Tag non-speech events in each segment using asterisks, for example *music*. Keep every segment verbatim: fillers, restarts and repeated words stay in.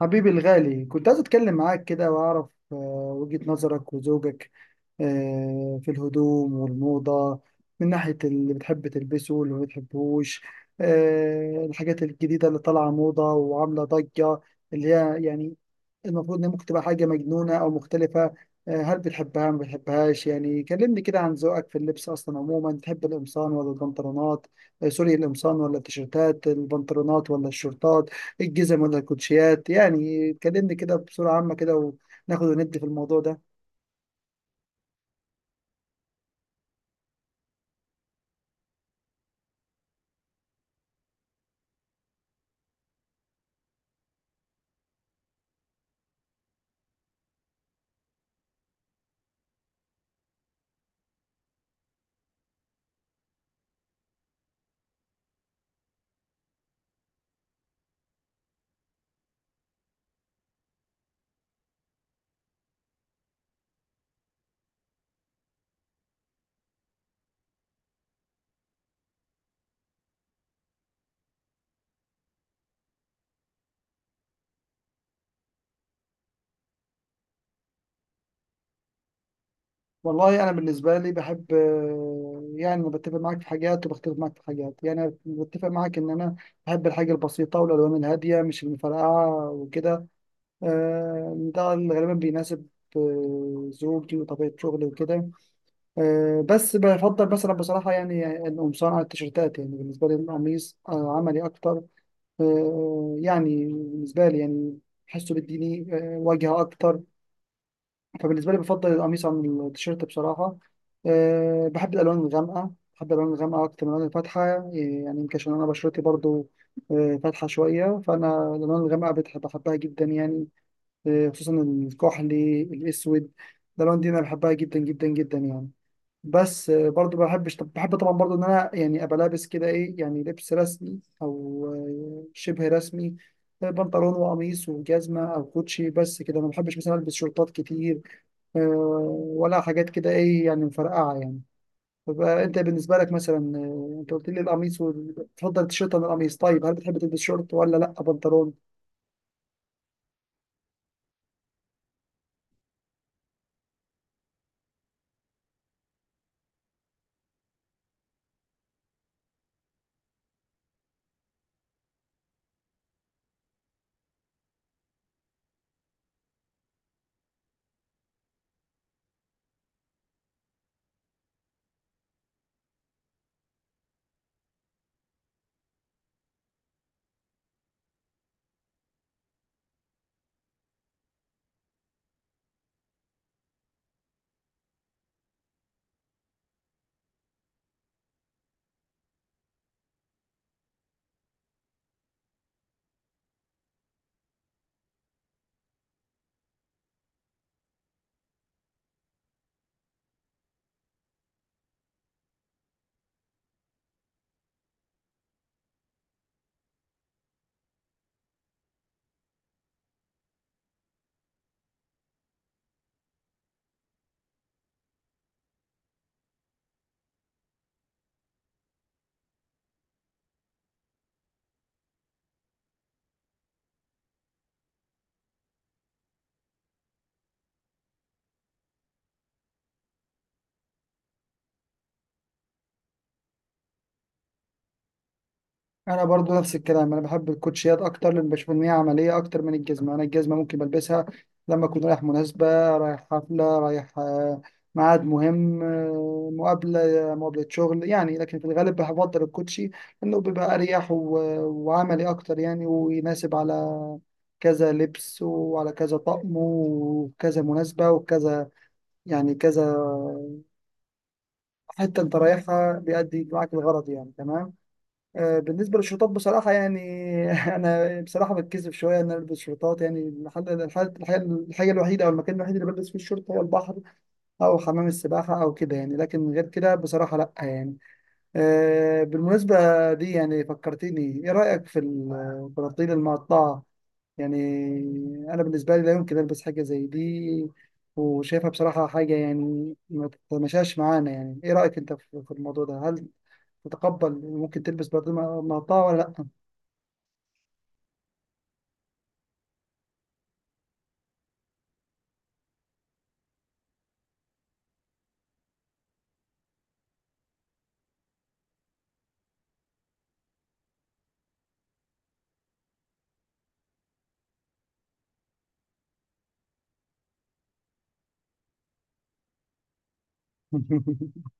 حبيبي الغالي كنت عايز اتكلم معاك كده واعرف آه، وجهة نظرك وزوجك آه، في الهدوم والموضة من ناحية اللي بتحب تلبسه واللي ما بتحبوش. آه، الحاجات الجديدة اللي طالعة موضة وعاملة ضجة، اللي هي يعني المفروض ان ممكن تبقى حاجه مجنونه او مختلفه. آه، هل بتحبها ما بتحبهاش؟ يعني كلمني كده عن ذوقك في اللبس اصلا عموما، تحب القمصان ولا البنطلونات؟ آه، سوري، القمصان ولا التيشيرتات، البنطلونات ولا الشورتات، الجزم ولا الكوتشيات؟ يعني كلمني كده بصوره عامه كده وناخد وندي في الموضوع ده. والله انا بالنسبه لي بحب، آه، يعني أنا بتفق معاك في حاجات وبختلف معاك في حاجات. يعني أنا بتفق معاك ان انا بحب الحاجه البسيطه والالوان الهاديه مش المفرقعه وكده. آه، ده اللي غالبا بيناسب آه، زوجي وطبيعة شغلي وكده. آه، بس بفضل مثلا بصراحة يعني القمصان على التيشيرتات. يعني بالنسبة لي القميص آه، عملي أكتر. آه، يعني بالنسبة لي يعني بحسه بيديني آه، واجهة أكتر، فبالنسبة لي بفضل القميص عن التيشيرت بصراحة. آه، بحب الألوان الغامقة، بحب الألوان الغامقة أكتر من الألوان الفاتحة. يعني يمكن عشان أنا بشرتي برضو آه، فاتحة شوية، فأنا الألوان الغامقة بتح- بحبها جدا يعني. آه، خصوصا الكحلي الاسود، ده لون دي انا بحبها جدا جدا جدا يعني. بس آه، برضو بحبش، طب بحب طبعا برضو ان انا يعني ابقى لابس كده ايه، يعني لبس رسمي او آه، شبه رسمي، آه، بنطلون وقميص وجزمه او كوتشي بس كده. ما بحبش مثلا البس شورتات كتير، آه، ولا حاجات كده ايه يعني مفرقعه يعني. طب آه، انت بالنسبه لك مثلا، آه، انت قلت لي القميص وال- تفضل التيشيرت عن القميص، طيب هل بتحب تلبس شورت ولا لا بنطلون؟ انا برضو نفس الكلام، انا بحب الكوتشيات اكتر لان بشوف ان هي عمليه اكتر من الجزمه. انا الجزمه ممكن بلبسها لما اكون رايح مناسبه، رايح حفله، رايح آه، ميعاد مهم، آه، مقابله، آه، مقابله شغل يعني. لكن في الغالب بفضل الكوتشي لانه بيبقى اريح و- وعملي اكتر يعني، ويناسب على كذا لبس وعلى كذا طقم وكذا مناسبه وكذا يعني كذا. حتى انت رايحها بيأدي معاك الغرض يعني، تمام. آه، بالنسبة للشرطات بصراحة يعني، *laughs* أنا بصراحة بتكسف شوية إن أنا ألبس شرطات. يعني المحل الحاجة، الحاجة الوحيدة أو المكان الوحيد اللي بلبس فيه الشورت هو البحر أو حمام السباحة أو كده يعني. لكن غير كده بصراحة لأ يعني. آه، بالمناسبة دي يعني فكرتيني، إيه رأيك في البناطيل المقطعة؟ يعني أنا بالنسبة لي لا يمكن ألبس حاجة زي دي، وشايفها بصراحة حاجة يعني ما تتماشاش معانا. يعني إيه رأيك أنت في في الموضوع ده؟ هل تتقبل ممكن تلبس بناطيل مقطعة ولا لأ؟ *laughs*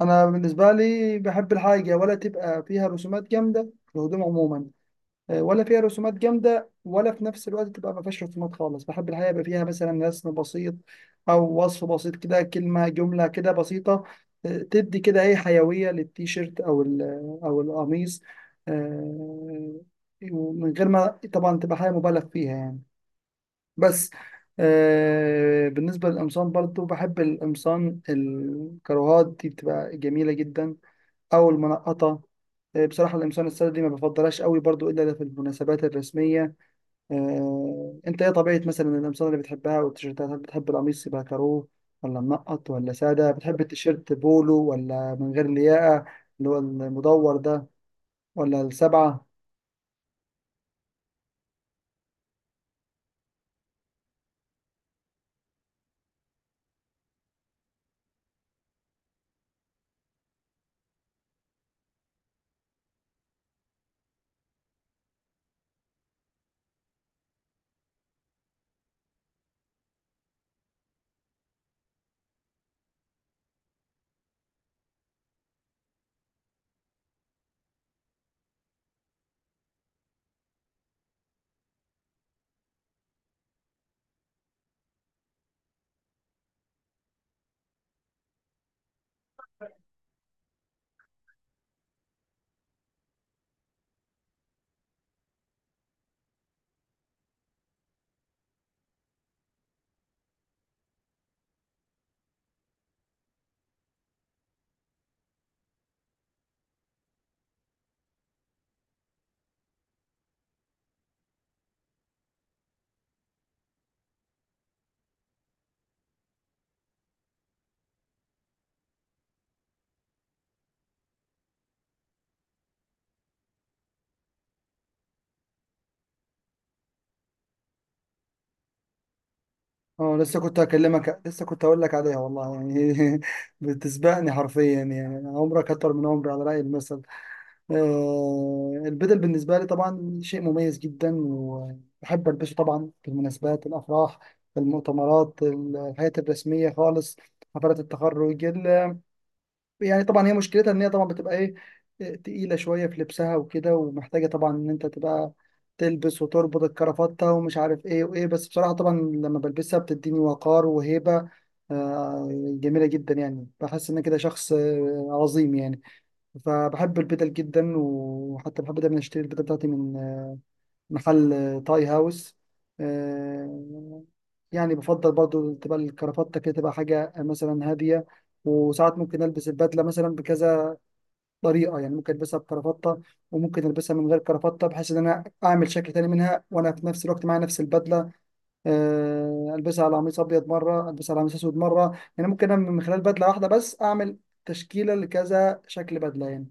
انا بالنسبه لي بحب الحاجه ولا تبقى فيها رسومات جامده في الهدوم عموما. آه، ولا فيها رسومات جامده ولا في نفس الوقت تبقى ما فيهاش رسومات خالص. بحب الحاجه يبقى فيها مثلا رسم بسيط او وصف بسيط كده، كلمه جمله كده بسيطه، آه، تدي كده ايه حيويه للتيشيرت او ال- او القميص. آه، ومن غير ما طبعا تبقى حاجه مبالغ فيها يعني. بس آه، بالنسبة للقمصان برضو بحب القمصان الكروهات دي، بتبقى جميلة جدا أو المنقطة. آه، بصراحة القمصان السادة دي ما بفضلهاش قوي برضو إلا في المناسبات الرسمية. آه، أنت إيه طبيعة مثلا القمصان اللي بتحبها والتيشيرتات؟ هل بتحب القميص يبقى كاروه ولا منقط ولا سادة؟ بتحب التيشيرت بولو ولا من غير لياقة، اللي هو المدور ده، ولا السبعة؟ اه لسه كنت هكلمك، لسه كنت هقول لك عليها والله يعني. *laughs* بتسبقني حرفيا يعني، أنا عمرك اكتر من عمري على رأي المثل. آه، البدل بالنسبة لي طبعا شيء مميز جدا، وبحب البسه طبعا في المناسبات، الافراح، في المؤتمرات، الحياة الرسمية خالص، حفلات التخرج. يعني طبعا هي مشكلتها ان هي طبعا بتبقى ايه، إيه، تقيله شويه في لبسها وكده، ومحتاجه طبعا ان انت تبقى تلبس وتربط الكرافته ومش عارف ايه وايه. بس بصراحه طبعا لما بلبسها بتديني وقار وهيبه، آه، جميله جدا يعني. بحس ان أنا كده شخص آه، عظيم يعني. فبحب البدل جدا، وحتى بحب دايما اشتري البدل بتاعتي من آه، محل آه، تاي هاوس. آه، يعني بفضل برضو تبقى الكرافته كده، تبقى حاجه مثلا هاديه. وساعات ممكن البس البدله مثلا بكذا طريقه، يعني ممكن البسها بكرافته وممكن البسها من غير كرافته، بحيث ان انا اعمل شكل تاني منها وانا في نفس الوقت معايا نفس البدله. آه، البسها على قميص ابيض مره، البسها على قميص اسود مره. يعني ممكن انا من خلال بدله واحده بس اعمل تشكيله لكذا شكل بدله يعني.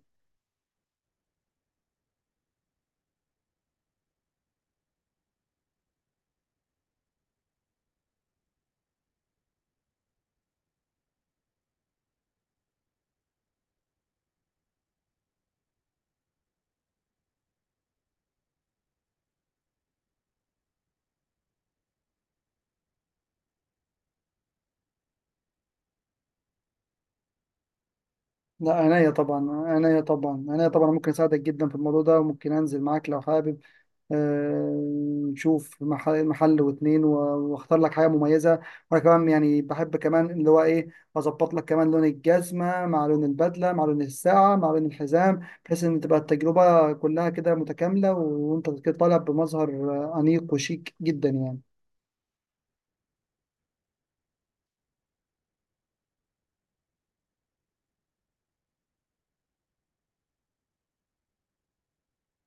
لا عينيا طبعا، عينيا طبعا، عينيا طبعا، ممكن اساعدك جدا في الموضوع ده، وممكن انزل معاك لو حابب. آه، نشوف مح- محل واتنين و- واختار لك حاجه مميزه. وانا كمان يعني بحب كمان اللي هو ايه، اظبط لك كمان لون الجزمه مع لون البدله مع لون الساعه مع لون الحزام، بحيث ان تبقى التجربه كلها كده متكامله، وانت كده طالع بمظهر آه، انيق وشيك جدا يعني.